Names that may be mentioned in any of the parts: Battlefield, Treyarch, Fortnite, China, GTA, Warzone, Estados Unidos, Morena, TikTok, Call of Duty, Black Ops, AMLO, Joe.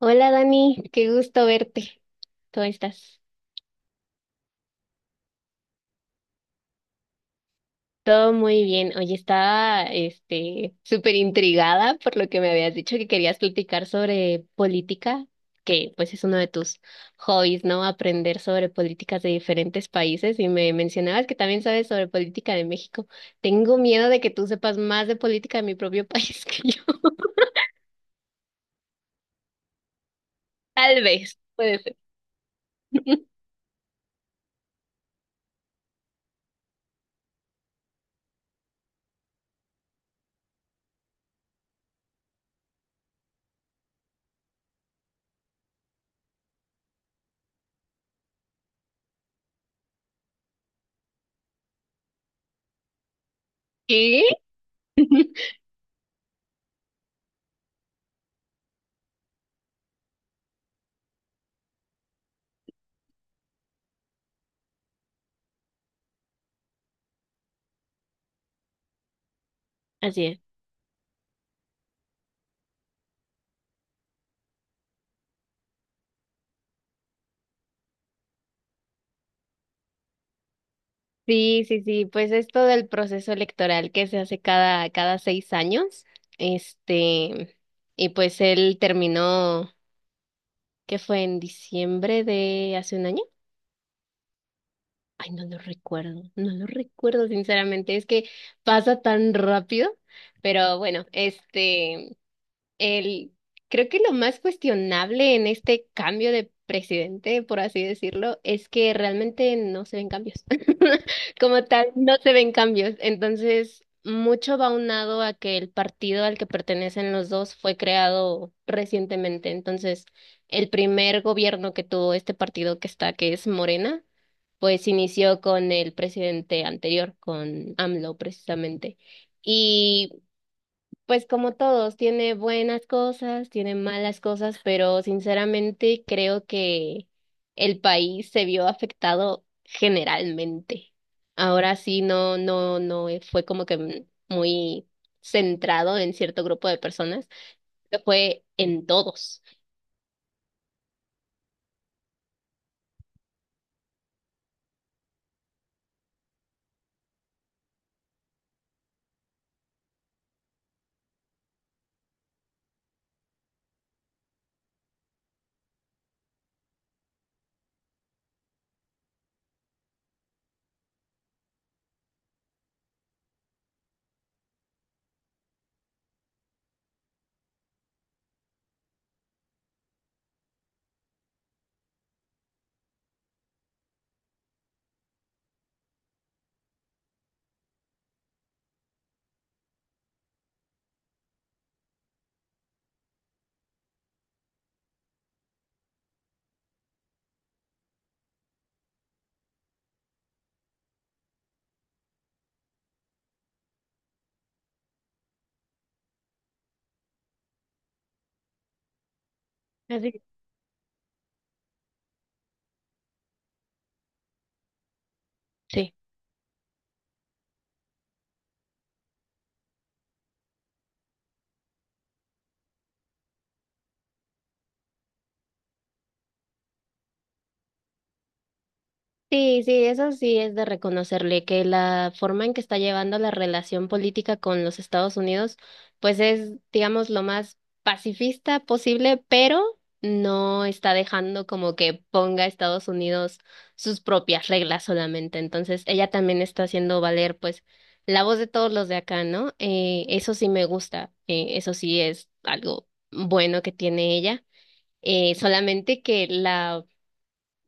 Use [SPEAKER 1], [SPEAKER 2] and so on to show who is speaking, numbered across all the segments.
[SPEAKER 1] Hola Dani, qué gusto verte. ¿Cómo estás? Todo muy bien. Oye, estaba súper intrigada por lo que me habías dicho que querías platicar sobre política, que pues es uno de tus hobbies, ¿no? Aprender sobre políticas de diferentes países y me mencionabas que también sabes sobre política de México. Tengo miedo de que tú sepas más de política de mi propio país que yo. Tal vez, puede ser. ¿Qué? Así es. Sí, sí, sí, pues esto del proceso electoral que se hace cada 6 años, este, y pues él terminó, ¿qué fue? ¿En diciembre de hace un año? Ay, no lo recuerdo, no lo recuerdo sinceramente, es que pasa tan rápido, pero bueno, El, creo que lo más cuestionable en este cambio de presidente, por así decirlo, es que realmente no se ven cambios. Como tal, no se ven cambios. Entonces, mucho va aunado a que el partido al que pertenecen los dos fue creado recientemente. Entonces, el primer gobierno que tuvo este partido que está, que es Morena, pues inició con el presidente anterior, con AMLO precisamente. Pues como todos, tiene buenas cosas, tiene malas cosas, pero sinceramente creo que el país se vio afectado generalmente. Ahora sí, no, no, no fue como que muy centrado en cierto grupo de personas, que fue en todos. Así. Sí. Sí, sí, eso sí es de reconocerle que la forma en que está llevando la relación política con los Estados Unidos, pues es, digamos, lo más pacifista posible, pero no está dejando como que ponga a Estados Unidos sus propias reglas solamente. Entonces, ella también está haciendo valer, pues, la voz de todos los de acá, ¿no? Eso sí me gusta, eso sí es algo bueno que tiene ella. Solamente que la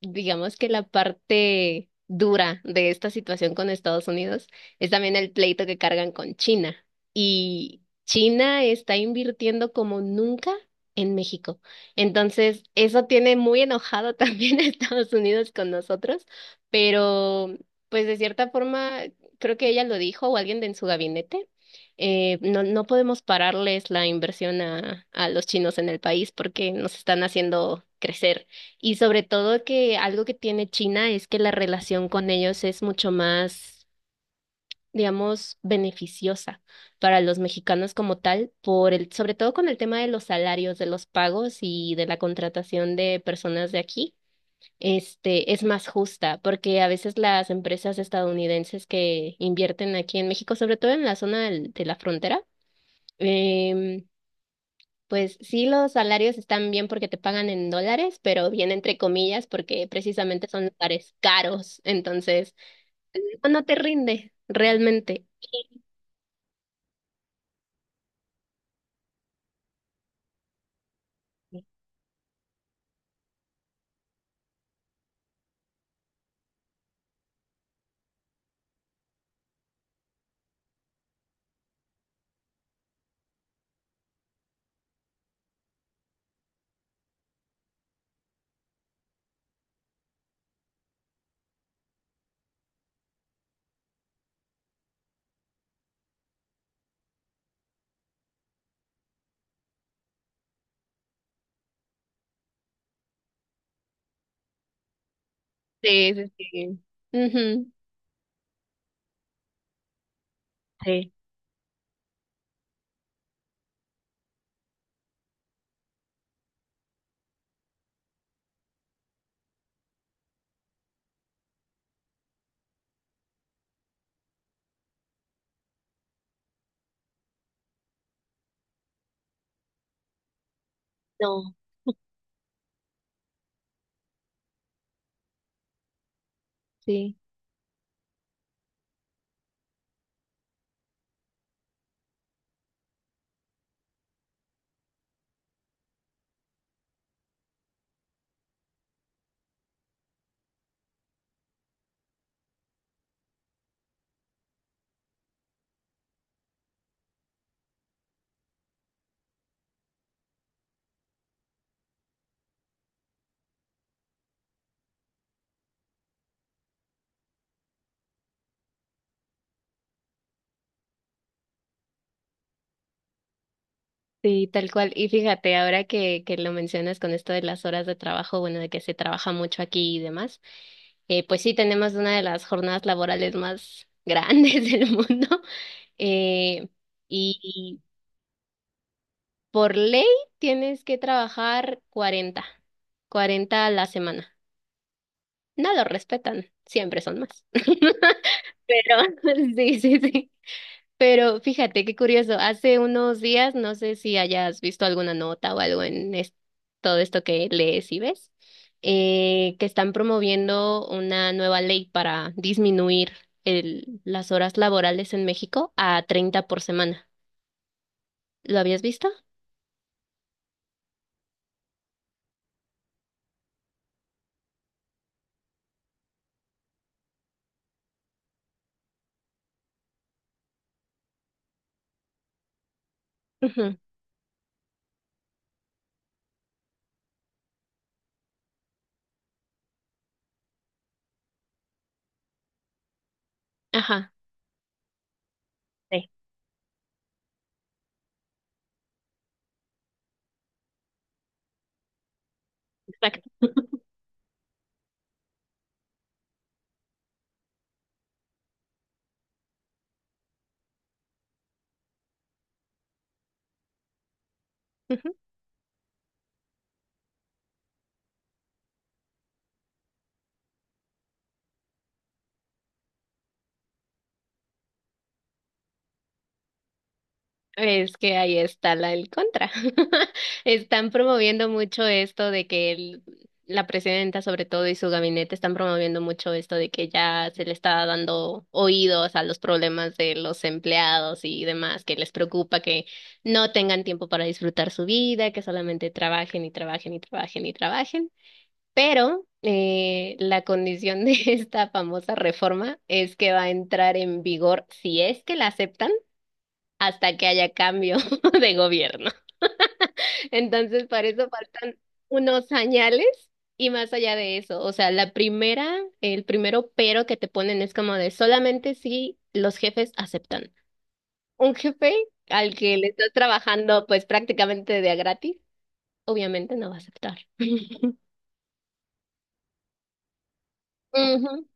[SPEAKER 1] digamos que la parte dura de esta situación con Estados Unidos es también el pleito que cargan con China. Y China está invirtiendo como nunca en México. Entonces, eso tiene muy enojado también a Estados Unidos con nosotros, pero pues de cierta forma, creo que ella lo dijo o alguien de en su gabinete. No, no podemos pararles la inversión a los chinos en el país porque nos están haciendo crecer. Y sobre todo que algo que tiene China es que la relación con ellos es mucho más, digamos, beneficiosa para los mexicanos como tal, por el, sobre todo con el tema de los salarios, de los pagos y de la contratación de personas de aquí. Este, es más justa, porque a veces las empresas estadounidenses que invierten aquí en México, sobre todo en la zona de la frontera, em, pues sí, los salarios están bien porque te pagan en dólares, pero bien entre comillas porque precisamente son lugares caros, entonces no, no te rinde realmente. Sí, sí, sí. Ujú. Sí, no, sí, sí, tal cual. Y fíjate, ahora que lo mencionas con esto de las horas de trabajo, bueno, de que se trabaja mucho aquí y demás, pues sí, tenemos una de las jornadas laborales más grandes del mundo. Eh, y, Por ley tienes que trabajar 40 a la semana. No lo respetan, siempre son más. Pero sí, sí, sí. Pero fíjate qué curioso, hace unos días, no sé si hayas visto alguna nota o algo en todo esto que lees y ves, que están promoviendo una nueva ley para disminuir las horas laborales en México a 30 por semana. ¿Lo habías visto? Ujú. Ajá. Sí, exacto. Es que ahí está el contra. Están promoviendo mucho esto de que la presidenta, sobre todo, y su gabinete están promoviendo mucho esto de que ya se le está dando oídos a los problemas de los empleados y demás, que les preocupa que no tengan tiempo para disfrutar su vida, que solamente trabajen y trabajen y trabajen y trabajen. Pero la condición de esta famosa reforma es que va a entrar en vigor, si es que la aceptan hasta que haya cambio de gobierno. Entonces, para eso faltan unos señales y más allá de eso, o sea, el primero pero que te ponen es como de solamente si los jefes aceptan. Un jefe al que le estás trabajando pues prácticamente de a gratis, obviamente no va a aceptar. Ujú.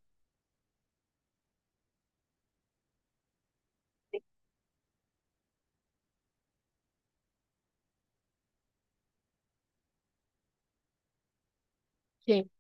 [SPEAKER 1] Sí,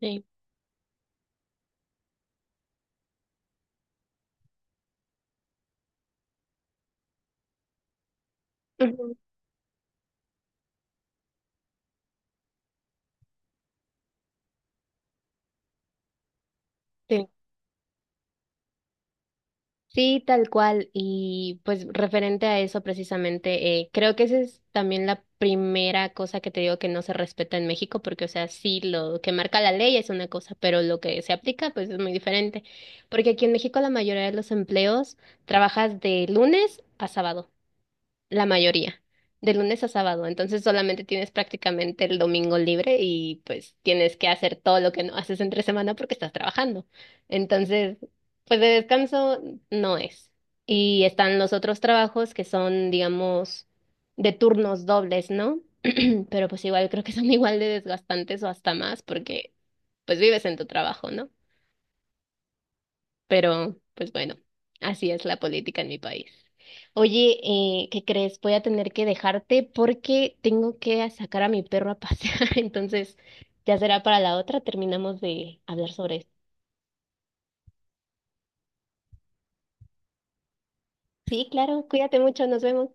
[SPEAKER 1] sí. Ujú, sí. Sí, tal cual. Y pues referente a eso precisamente, creo que esa es también la primera cosa que te digo que no se respeta en México, porque o sea, sí, lo que marca la ley es una cosa, pero lo que se aplica pues es muy diferente. Porque aquí en México la mayoría de los empleos trabajas de lunes a sábado la mayoría, de lunes a sábado. Entonces solamente tienes prácticamente el domingo libre y pues tienes que hacer todo lo que no haces entre semana porque estás trabajando. Entonces, pues de descanso no es. Y están los otros trabajos que son, digamos, de turnos dobles, ¿no? Pero pues igual creo que son igual de desgastantes o hasta más porque pues vives en tu trabajo, ¿no? Pero, pues bueno, así es la política en mi país. Oye, ¿qué crees? Voy a tener que dejarte porque tengo que sacar a mi perro a pasear. Entonces, ya será para la otra. Terminamos de hablar sobre esto. Sí, claro, cuídate mucho, nos vemos.